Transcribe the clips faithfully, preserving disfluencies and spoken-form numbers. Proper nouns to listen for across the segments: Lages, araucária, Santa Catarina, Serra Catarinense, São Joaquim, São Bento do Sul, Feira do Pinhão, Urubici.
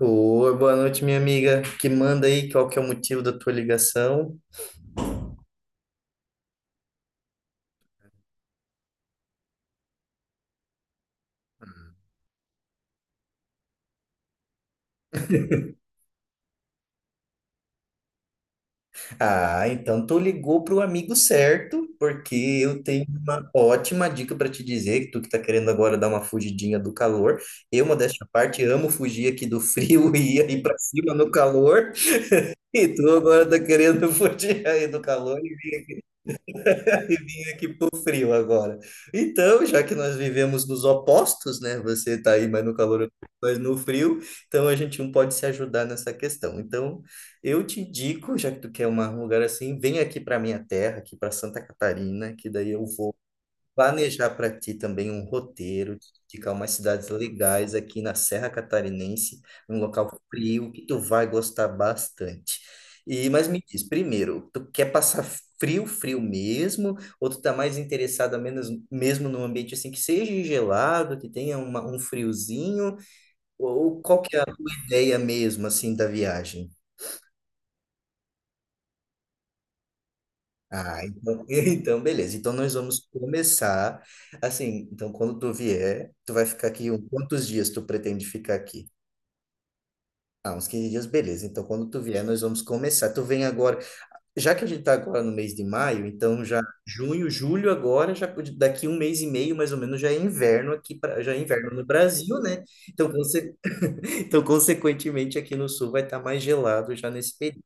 Oi, boa noite, minha amiga. Que manda aí qual que é o motivo da tua ligação? Ah, então tu ligou pro amigo certo, porque eu tenho uma ótima dica para te dizer, que tu que tá querendo agora dar uma fugidinha do calor. Eu, modéstia à parte, amo fugir aqui do frio e ir para cima no calor, e tu agora tá querendo fugir aí do calor. Muito frio agora. Então, já que nós vivemos dos opostos, né? Você está aí mais no calor, mas no frio, então a gente um pode se ajudar nessa questão. Então, eu te indico, já que tu quer uma- um lugar assim, vem aqui para minha terra, aqui para Santa Catarina, que daí eu vou planejar para ti também um roteiro, indicar umas cidades legais aqui na Serra Catarinense, um local frio que tu vai gostar bastante. E, mas me diz, primeiro, tu quer passar frio, frio mesmo, ou tu tá mais interessado menos, mesmo num ambiente assim que seja gelado, que tenha uma- um friozinho, ou qual que é a tua ideia mesmo assim da viagem? Ah, então, então beleza. Então nós vamos começar assim. Então quando tu vier, tu vai ficar aqui. um- Quantos dias tu pretende ficar aqui? Ah, uns quinze dias, beleza. Então quando tu vier, nós vamos começar. Tu vem agora, já que a gente tá agora no mês de maio, então já junho, julho agora, já pode- daqui um mês e meio mais ou menos já é inverno aqui pra- já é inverno no Brasil, né? Então, conse- então consequentemente aqui no sul vai estar mais gelado já nesse período.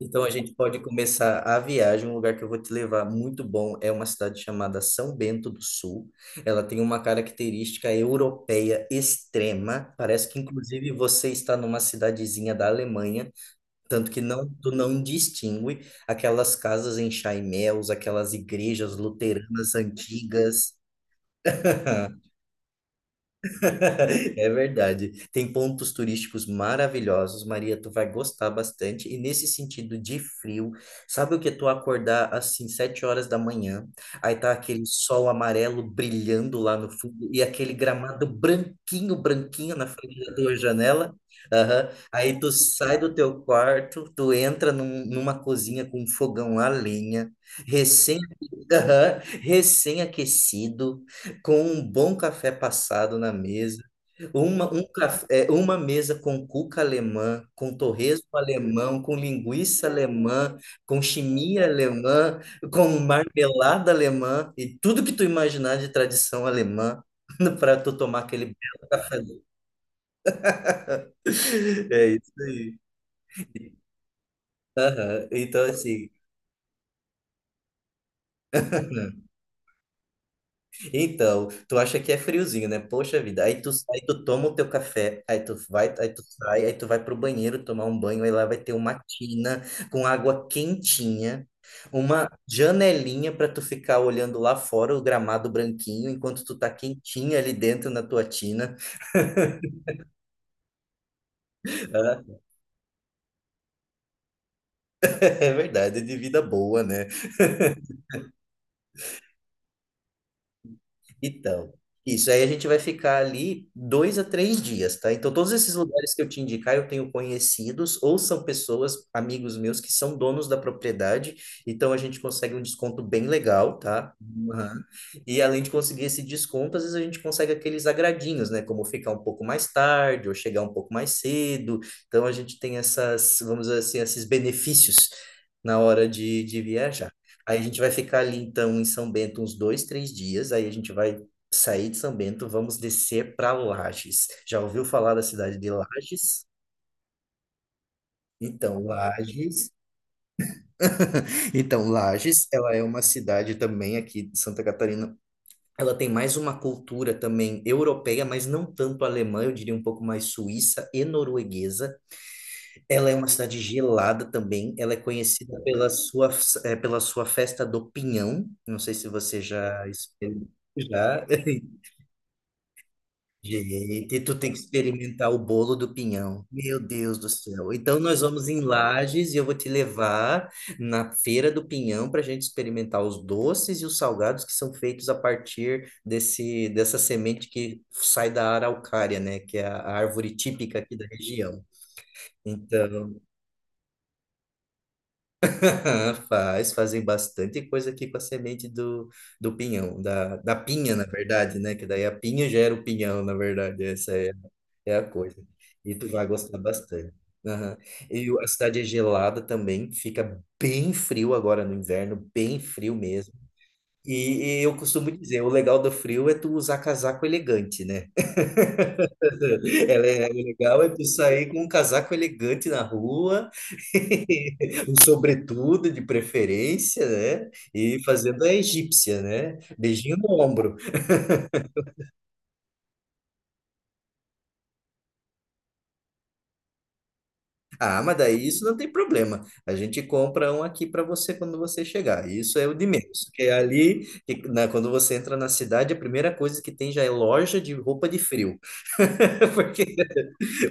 Então a gente pode começar a viagem. Um lugar que eu vou te levar muito bom é uma cidade chamada São Bento do Sul. Ela tem uma característica europeia extrema. Parece que inclusive você está numa cidadezinha da Alemanha, tanto que não tu não distingue aquelas casas em chaimel, aquelas igrejas luteranas antigas. É verdade. Tem pontos turísticos maravilhosos, Maria, tu vai gostar bastante. E nesse sentido de frio, sabe o que é tu acordar assim, sete horas da manhã, aí tá aquele sol amarelo brilhando lá no fundo e aquele gramado branquinho, branquinho na frente da tua janela? Aham. Aí tu sai do teu quarto, tu entra num- numa cozinha com um fogão a lenha, recém, aham, recém-aquecido, com um bom café passado na mesa, uma, um café, é, uma mesa com cuca alemã, com torresmo alemão, com linguiça alemã, com chimia alemã, com marmelada alemã e tudo que tu imaginar de tradição alemã para tu tomar aquele belo café. É isso aí. Aham. Então, assim. Então, tu acha que é friozinho, né? Poxa vida. Aí tu sai, tu toma o teu café, aí tu vai, aí tu sai, aí tu vai pro banheiro tomar um banho, aí lá vai ter uma tina com água quentinha, uma janelinha para tu ficar olhando lá fora o gramado branquinho enquanto tu tá quentinha ali dentro na tua tina. É verdade, de vida boa, né? Então, isso aí a gente vai ficar ali dois a três dias, tá? Então, todos esses lugares que eu te indicar, eu tenho conhecidos ou são pessoas, amigos meus, que são donos da propriedade. Então, a gente consegue um desconto bem legal, tá? Aham. E além de conseguir esse desconto, às vezes a gente consegue aqueles agradinhos, né? Como ficar um pouco mais tarde ou chegar um pouco mais cedo. Então, a gente tem essas, vamos dizer assim, esses benefícios na hora de, de viajar. Aí a gente vai ficar ali, então, em São Bento uns dois, três dias. Aí a gente vai sair de São Bento, vamos descer para Lages. Já ouviu falar da cidade de Lages? Então, Lages. Então, Lages, ela é uma cidade também aqui de Santa Catarina. Ela tem mais uma cultura também europeia, mas não tanto alemã, eu diria um pouco mais suíça e norueguesa. Ela é uma cidade gelada também. Ela é conhecida pela sua, eh, pela sua festa do Pinhão. Não sei se você já experimentou. Já. Gente, tu tem que experimentar o bolo do pinhão. Meu Deus do céu. Então nós vamos em Lages e eu vou te levar na Feira do Pinhão para a gente experimentar os doces e os salgados que são feitos a partir desse dessa semente que sai da araucária, né, que é a árvore típica aqui da região. Então, Faz, fazem bastante coisa aqui com a semente do, do pinhão, da, da pinha, na verdade, né? Que daí a pinha gera o pinhão, na verdade, essa é, é a coisa. E tu vai gostar bastante. Aham. E o- a cidade é gelada também, fica bem frio agora no inverno, bem frio mesmo. E, e eu costumo dizer, o legal do frio é tu usar casaco elegante, né? Ela é, o legal é tu sair com um casaco elegante na rua, um sobretudo de preferência, né? E fazendo a egípcia, né? Beijinho no ombro. Ah, mas daí isso não tem problema. A gente compra um aqui para você quando você chegar. Isso é o de menos. Porque ali, que- na- quando você entra na cidade, a primeira coisa que tem já é loja de roupa de frio. Porque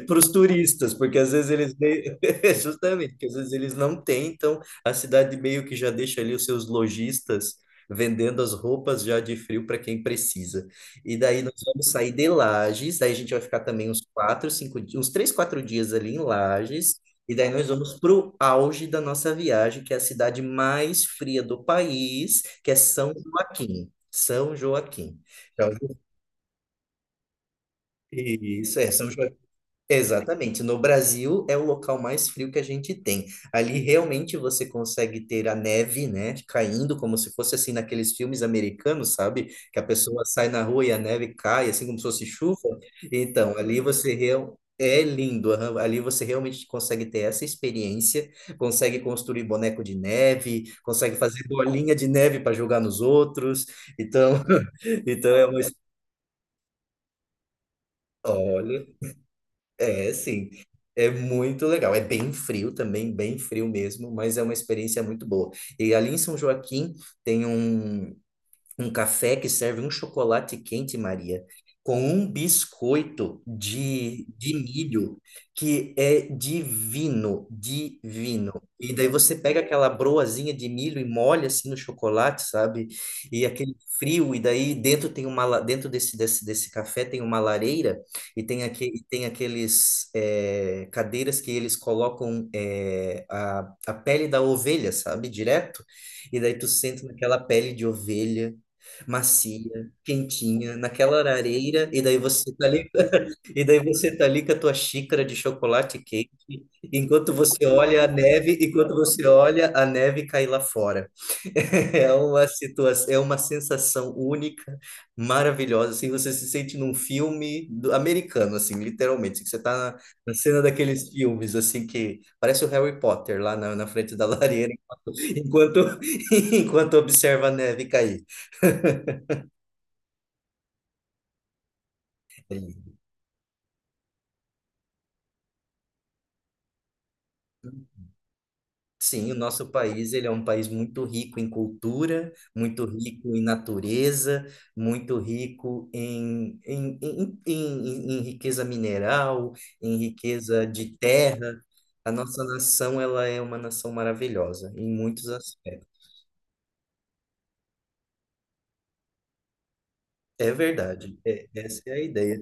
para os turistas, porque às vezes eles justamente, porque às vezes eles não têm, então a cidade meio que já deixa ali os seus lojistas vendendo as roupas já de frio para quem precisa. E daí nós vamos sair de Lages, daí a gente vai ficar também uns quatro, cinco, di- uns três, quatro dias ali em Lages. E daí nós vamos para o auge da nossa viagem, que é a cidade mais fria do país, que é São Joaquim. São Joaquim. Já ouviu isso, é, São Joaquim. Exatamente. No Brasil é o local mais frio que a gente tem. Ali realmente você consegue ter a neve, né, caindo como se fosse assim naqueles filmes americanos, sabe? Que a pessoa sai na rua e a neve cai, assim como se fosse chuva. Então, ali você real... é lindo. Aham. Ali você realmente consegue ter essa experiência, consegue construir boneco de neve, consegue fazer bolinha de neve para jogar nos outros. Então, então é uma... Olha, é, sim. É muito legal. É bem frio também, bem frio mesmo, mas é uma experiência muito boa. E ali em São Joaquim tem um um café que serve um chocolate quente, Maria, com um biscoito de, de milho que é divino, divino. E daí você pega aquela broazinha de milho e molha assim no chocolate, sabe? E aquele frio, e daí dentro tem uma la- dentro desse, desse, desse café tem uma lareira e tem aque, e tem aqueles eh, cadeiras que eles colocam eh, a, a pele da ovelha, sabe? Direto. E daí tu senta naquela pele de ovelha macia, quentinha, naquela areira, e daí você tá ali, e daí você tá ali com a tua xícara de chocolate quente, enquanto você olha a neve, enquanto você olha a neve cair lá fora. É uma situação, é uma sensação única, maravilhosa, assim, você se sente num filme do- americano, assim, literalmente, assim, que você tá na, na cena daqueles filmes, assim, que parece o Harry Potter lá na, na frente da lareira, enquanto, enquanto observa a neve cair. Sim, o nosso país, ele é um país muito rico em cultura, muito rico em natureza, muito rico em, em, em, em, em- em riqueza mineral, em riqueza de terra. A nossa nação, ela é uma nação maravilhosa em muitos aspectos. É verdade, é- essa é a ideia.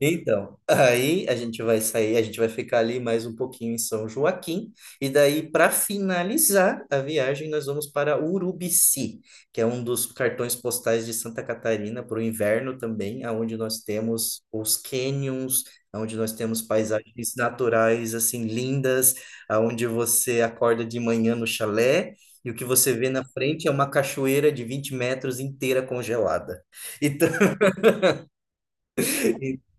Então, aí a gente vai sair, a gente vai ficar ali mais um pouquinho em São Joaquim, e daí, para finalizar a viagem, nós vamos para Urubici, que é um dos cartões postais de Santa Catarina para o inverno também, aonde nós temos os cânions, onde nós temos paisagens naturais assim lindas, aonde você acorda de manhã no chalé. E o que você vê na frente é uma cachoeira de vinte metros inteira congelada. Então,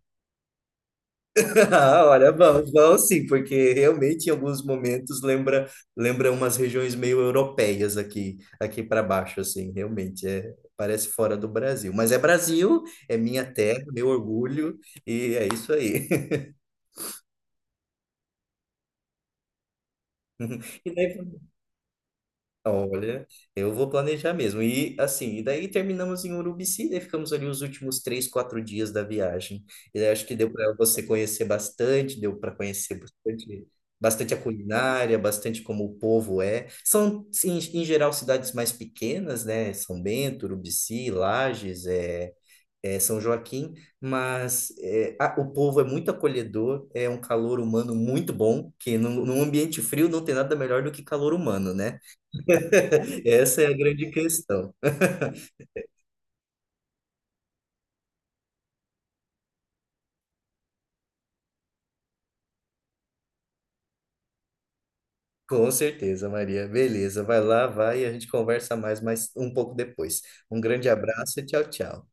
Ah, olha, vamos, vamos sim, porque realmente em alguns momentos lembra lembra umas regiões meio europeias aqui aqui para baixo, assim, realmente é parece fora do Brasil, mas é Brasil, é minha terra, meu orgulho e é isso aí. E daí, olha, eu vou planejar mesmo. E assim, e daí terminamos em Urubici, daí ficamos ali os últimos três, quatro dias da viagem. E daí acho que deu para você conhecer bastante, deu para conhecer bastante, bastante a culinária, bastante como o povo é. São, sim, em geral, cidades mais pequenas, né? São Bento, Urubici, Lages, é, é São Joaquim, mas é, a- o povo é muito acolhedor, é um calor humano muito bom, que num, num ambiente frio não tem nada melhor do que calor humano, né? Essa é a grande questão. Com certeza, Maria. Beleza, vai lá, vai e a gente conversa mais, mais um pouco depois. Um grande abraço e tchau, tchau.